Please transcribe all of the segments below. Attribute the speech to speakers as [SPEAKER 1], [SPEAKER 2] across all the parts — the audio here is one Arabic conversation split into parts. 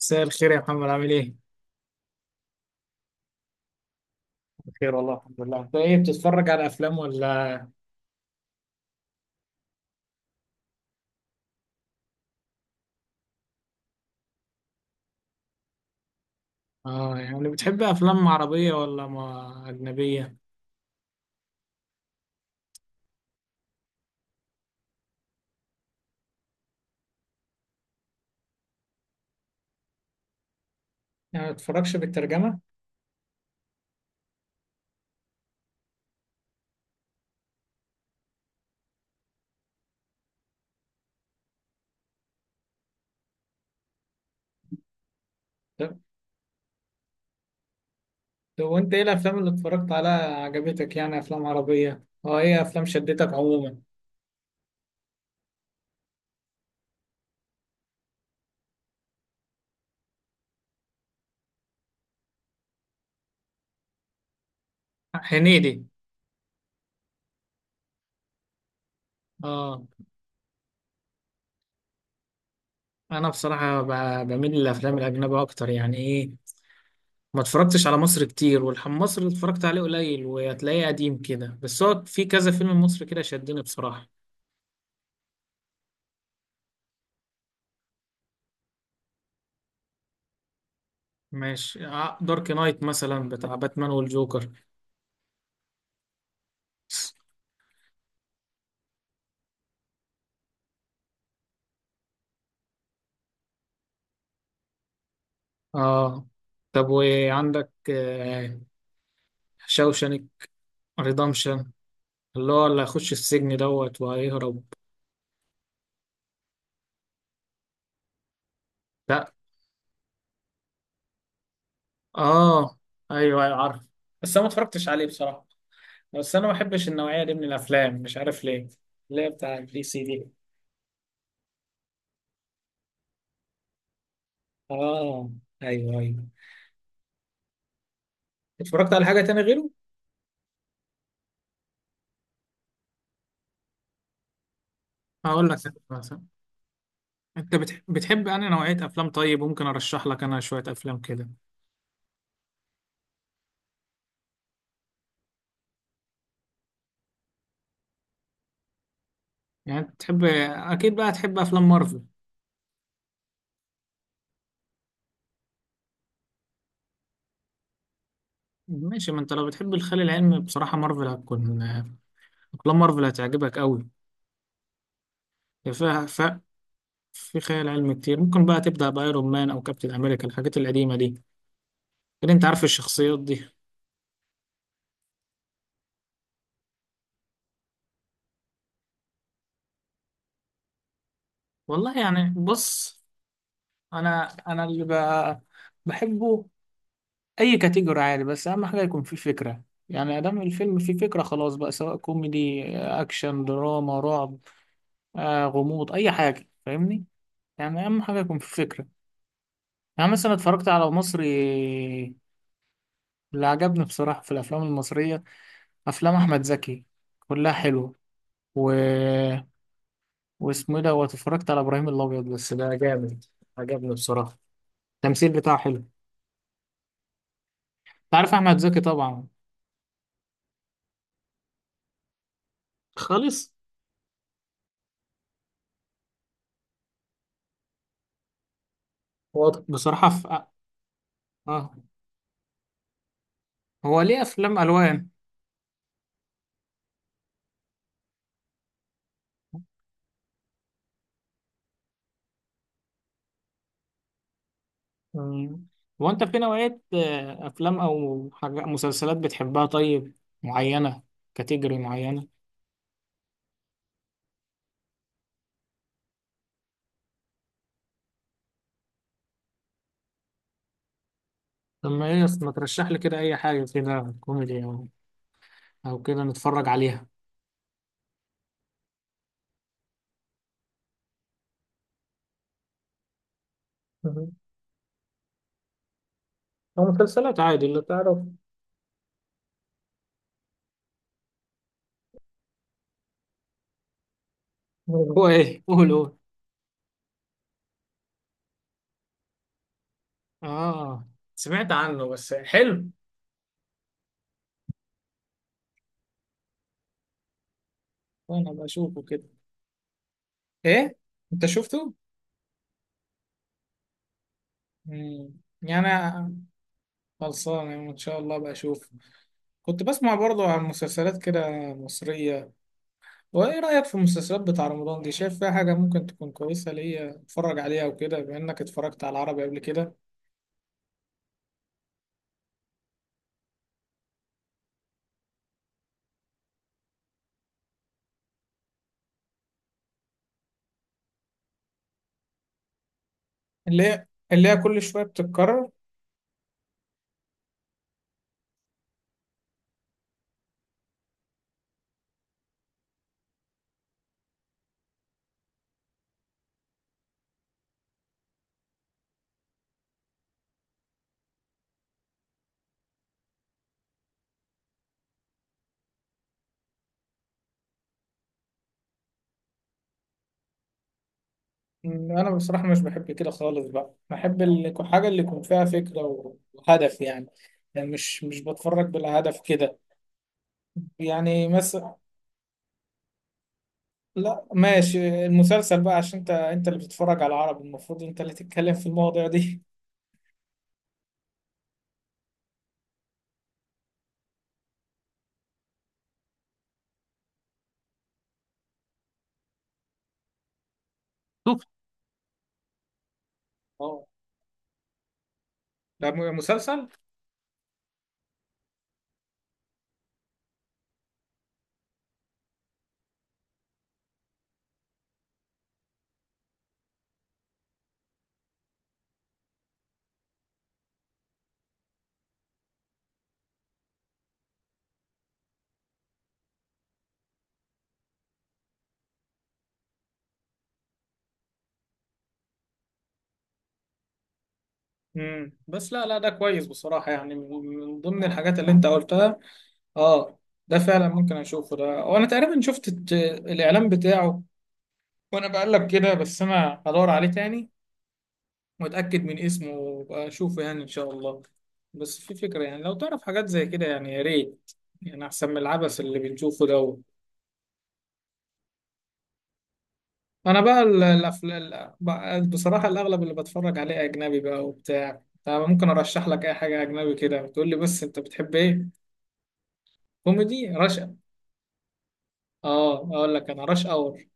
[SPEAKER 1] مساء الخير يا محمد، عامل ايه؟ بخير والله، الحمد لله. انت ايه، بتتفرج على افلام ولا؟ اه يعني بتحب افلام عربية ولا ما اجنبية؟ يعني ما بتتفرجش بالترجمة؟ طب طب وانت ايه الافلام اللي اتفرجت عليها عجبتك؟ يعني افلام عربية؟ اه ايه افلام شدتك عموما؟ هنيدي. اه، انا بصراحة بميل للافلام الاجنبية اكتر، يعني ايه، ما اتفرجتش على مصر كتير، والحم مصر اللي اتفرجت عليه قليل وهتلاقيه قديم كده، بس هو في كذا فيلم مصري كده شدني بصراحة. ماشي. دارك نايت مثلا بتاع باتمان والجوكر. اه طب وعندك شاوشانك ريدمشن، اللي هو اللي هيخش السجن دوت وهيهرب. لا. اه، ايوه ايوه عارف، بس انا ما اتفرجتش عليه بصراحه. بس انا ما بحبش النوعيه دي من الافلام، مش عارف ليه. اللي هي بتاع الدي سي دي. اه، ايوه ايوه. اتفرجت على حاجه تاني غيره؟ هقول لك مثلا، انت بتحب انهي نوعيه افلام؟ طيب ممكن ارشح لك انا شويه افلام كده. يعني أنت تحب، أكيد بقى تحب أفلام مارفل. ماشي، ما أنت لو بتحب الخيال العلمي بصراحة مارفل هتكون، أفلام مارفل هتعجبك أوي. هي فيها في خيال علمي كتير. ممكن بقى تبدأ بأيرون مان أو كابتن أمريكا، الحاجات القديمة دي، كده أنت عارف الشخصيات دي. والله يعني بص، أنا اللي بقى بحبه أي كاتيجوري عادي، بس أهم حاجة يكون فيه فكرة. يعني أدام الفيلم فيه فكرة خلاص بقى، سواء كوميدي أكشن دراما رعب، غموض، أي حاجة، فاهمني؟ يعني أهم حاجة يكون فيه فكرة. يعني مثلا اتفرجت على مصري، اللي عجبني بصراحة في الأفلام المصرية أفلام أحمد زكي، كلها حلوة. و... واسمه إيه ده، واتفرجت على إبراهيم الأبيض، بس ده جامد، عجبني بصراحة، التمثيل بتاعه حلو. أنت عارف أحمد زكي طبعا. خالص. هو بصراحة في آه. هو ليه أفلام ألوان. مم. هو أنت في نوعية أفلام أو حاجة مسلسلات بتحبها؟ طيب، معينة، كاتيجوري معينة؟ طب ما إيه، ما ترشح لي كده أي حاجة كده كوميدي او كده نتفرج عليها. مهم. أو مسلسلات عادي اللي تعرف. هو ايه، قول قول. اه سمعت عنه، بس حلو؟ وانا بشوفه كده. ايه، انت شفته؟ مم. يعني أنا خلصان، يعني ان شاء الله بشوفه. كنت بسمع برضه عن مسلسلات كده مصرية، وايه رأيك في المسلسلات بتاع رمضان دي؟ شايف فيها حاجة ممكن تكون كويسة ليا اتفرج عليها وكده، بما انك اتفرجت على العربي قبل كده؟ اللي هي، اللي هي كل شوية بتتكرر. انا بصراحه مش بحب كده خالص بقى، بحب حاجه اللي يكون فيها فكره وهدف يعني. يعني مش بتفرج بلا هدف كده. يعني مثلا، لا ماشي المسلسل بقى. عشان انت اللي بتتفرج على العربي، المفروض انت اللي تتكلم في المواضيع دي. شوف اه، ده مسلسل. امم، بس لا لا، ده كويس بصراحة. يعني من ضمن الحاجات اللي انت قلتها، اه ده فعلا ممكن اشوفه. ده، وانا تقريبا شفت الاعلان بتاعه وانا بقلب كده، بس انا هدور عليه تاني، متأكد من اسمه وأبقى أشوفه يعني إن شاء الله. بس في فكرة يعني، لو تعرف حاجات زي كده يعني يا ريت، يعني أحسن من العبث اللي بنشوفه ده. أنا بقى الأفلام، بصراحة الأغلب اللي بتفرج عليه أجنبي بقى، وبتاع طب ممكن أرشح لك أي حاجة أجنبي كده؟ بتقول لي بس أنت بتحب إيه؟ كوميدي رشا. آه أقول لك، أنا رش أور،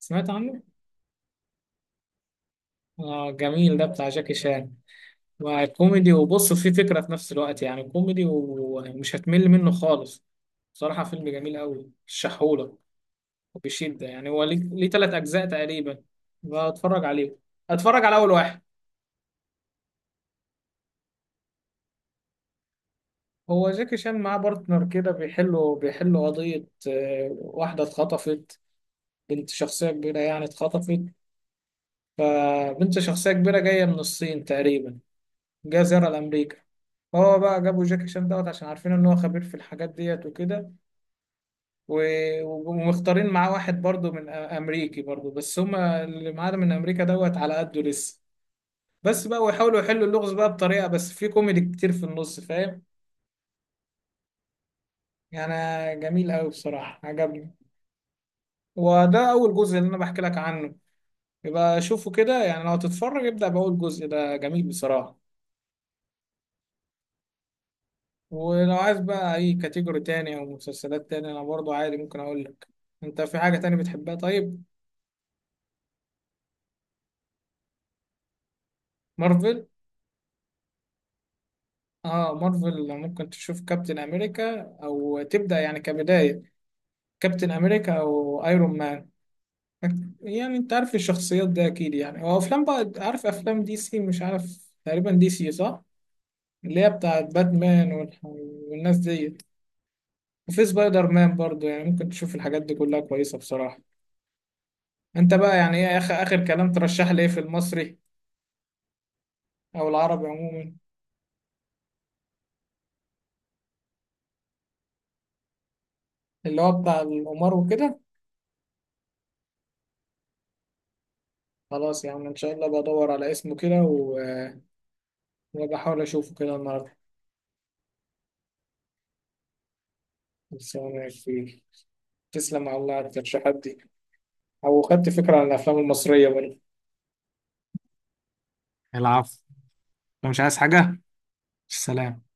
[SPEAKER 1] سمعت عنه؟ آه جميل، ده بتاع جاكي شان، وكوميدي، وبص فيه فكرة في نفس الوقت، يعني كوميدي ومش هتمل منه خالص. بصراحة فيلم جميل قوي الشحولة، وبشدة. يعني هو ليه 3 أجزاء تقريبا. بتفرج عليه، أتفرج على أول واحد. هو جاكي شان معاه بارتنر كده، بيحلوا قضية، واحدة اتخطفت، بنت شخصية كبيرة يعني اتخطفت. فبنت شخصية كبيرة جاية من الصين تقريبا، جاية زيارة لأمريكا. هو بقى جابوا جاكي شان دوت عشان عارفين إن هو خبير في الحاجات ديت وكده. و- ومختارين معاه واحد برضو من امريكي برضو، بس هما اللي معانا من امريكا دوت على قده لسه. بس بقى ويحاولوا يحلوا اللغز بقى بطريقة، بس في كوميدي كتير في النص، فاهم يعني. جميل قوي بصراحة عجبني. وده اول جزء اللي انا بحكي لك عنه. يبقى شوفه كده يعني، لو تتفرج ابدأ بأول جزء ده، جميل بصراحة. ولو عايز بقى اي كاتيجوري تاني او مسلسلات تاني، انا برضو عادي ممكن اقول لك. انت في حاجة تاني بتحبها طيب؟ مارفل. اه مارفل ممكن تشوف كابتن امريكا، او تبدا يعني كبدايه كابتن امريكا او ايرون مان. يعني انت عارف الشخصيات ده اكيد يعني. وافلام بقى، عارف افلام دي سي، مش عارف تقريبا دي سي صح، اللي هي بتاعت باتمان والناس ديت. وفي سبايدر مان برضو. يعني ممكن تشوف الحاجات دي كلها كويسه بصراحه. انت بقى يعني ايه، اخر اخر كلام، ترشح لي ايه في المصري او العربي عموما؟ اللي هو بتاع القمار وكده. خلاص يا عم، ان شاء الله بدور على اسمه كده وبحاول اشوفه كده النهارده. بس أنا كبير، تسلم على الله على الترشيحات دي، أو خدت فكرة عن الأفلام المصرية برضه. العفو. لو مش عايز حاجة، سلام.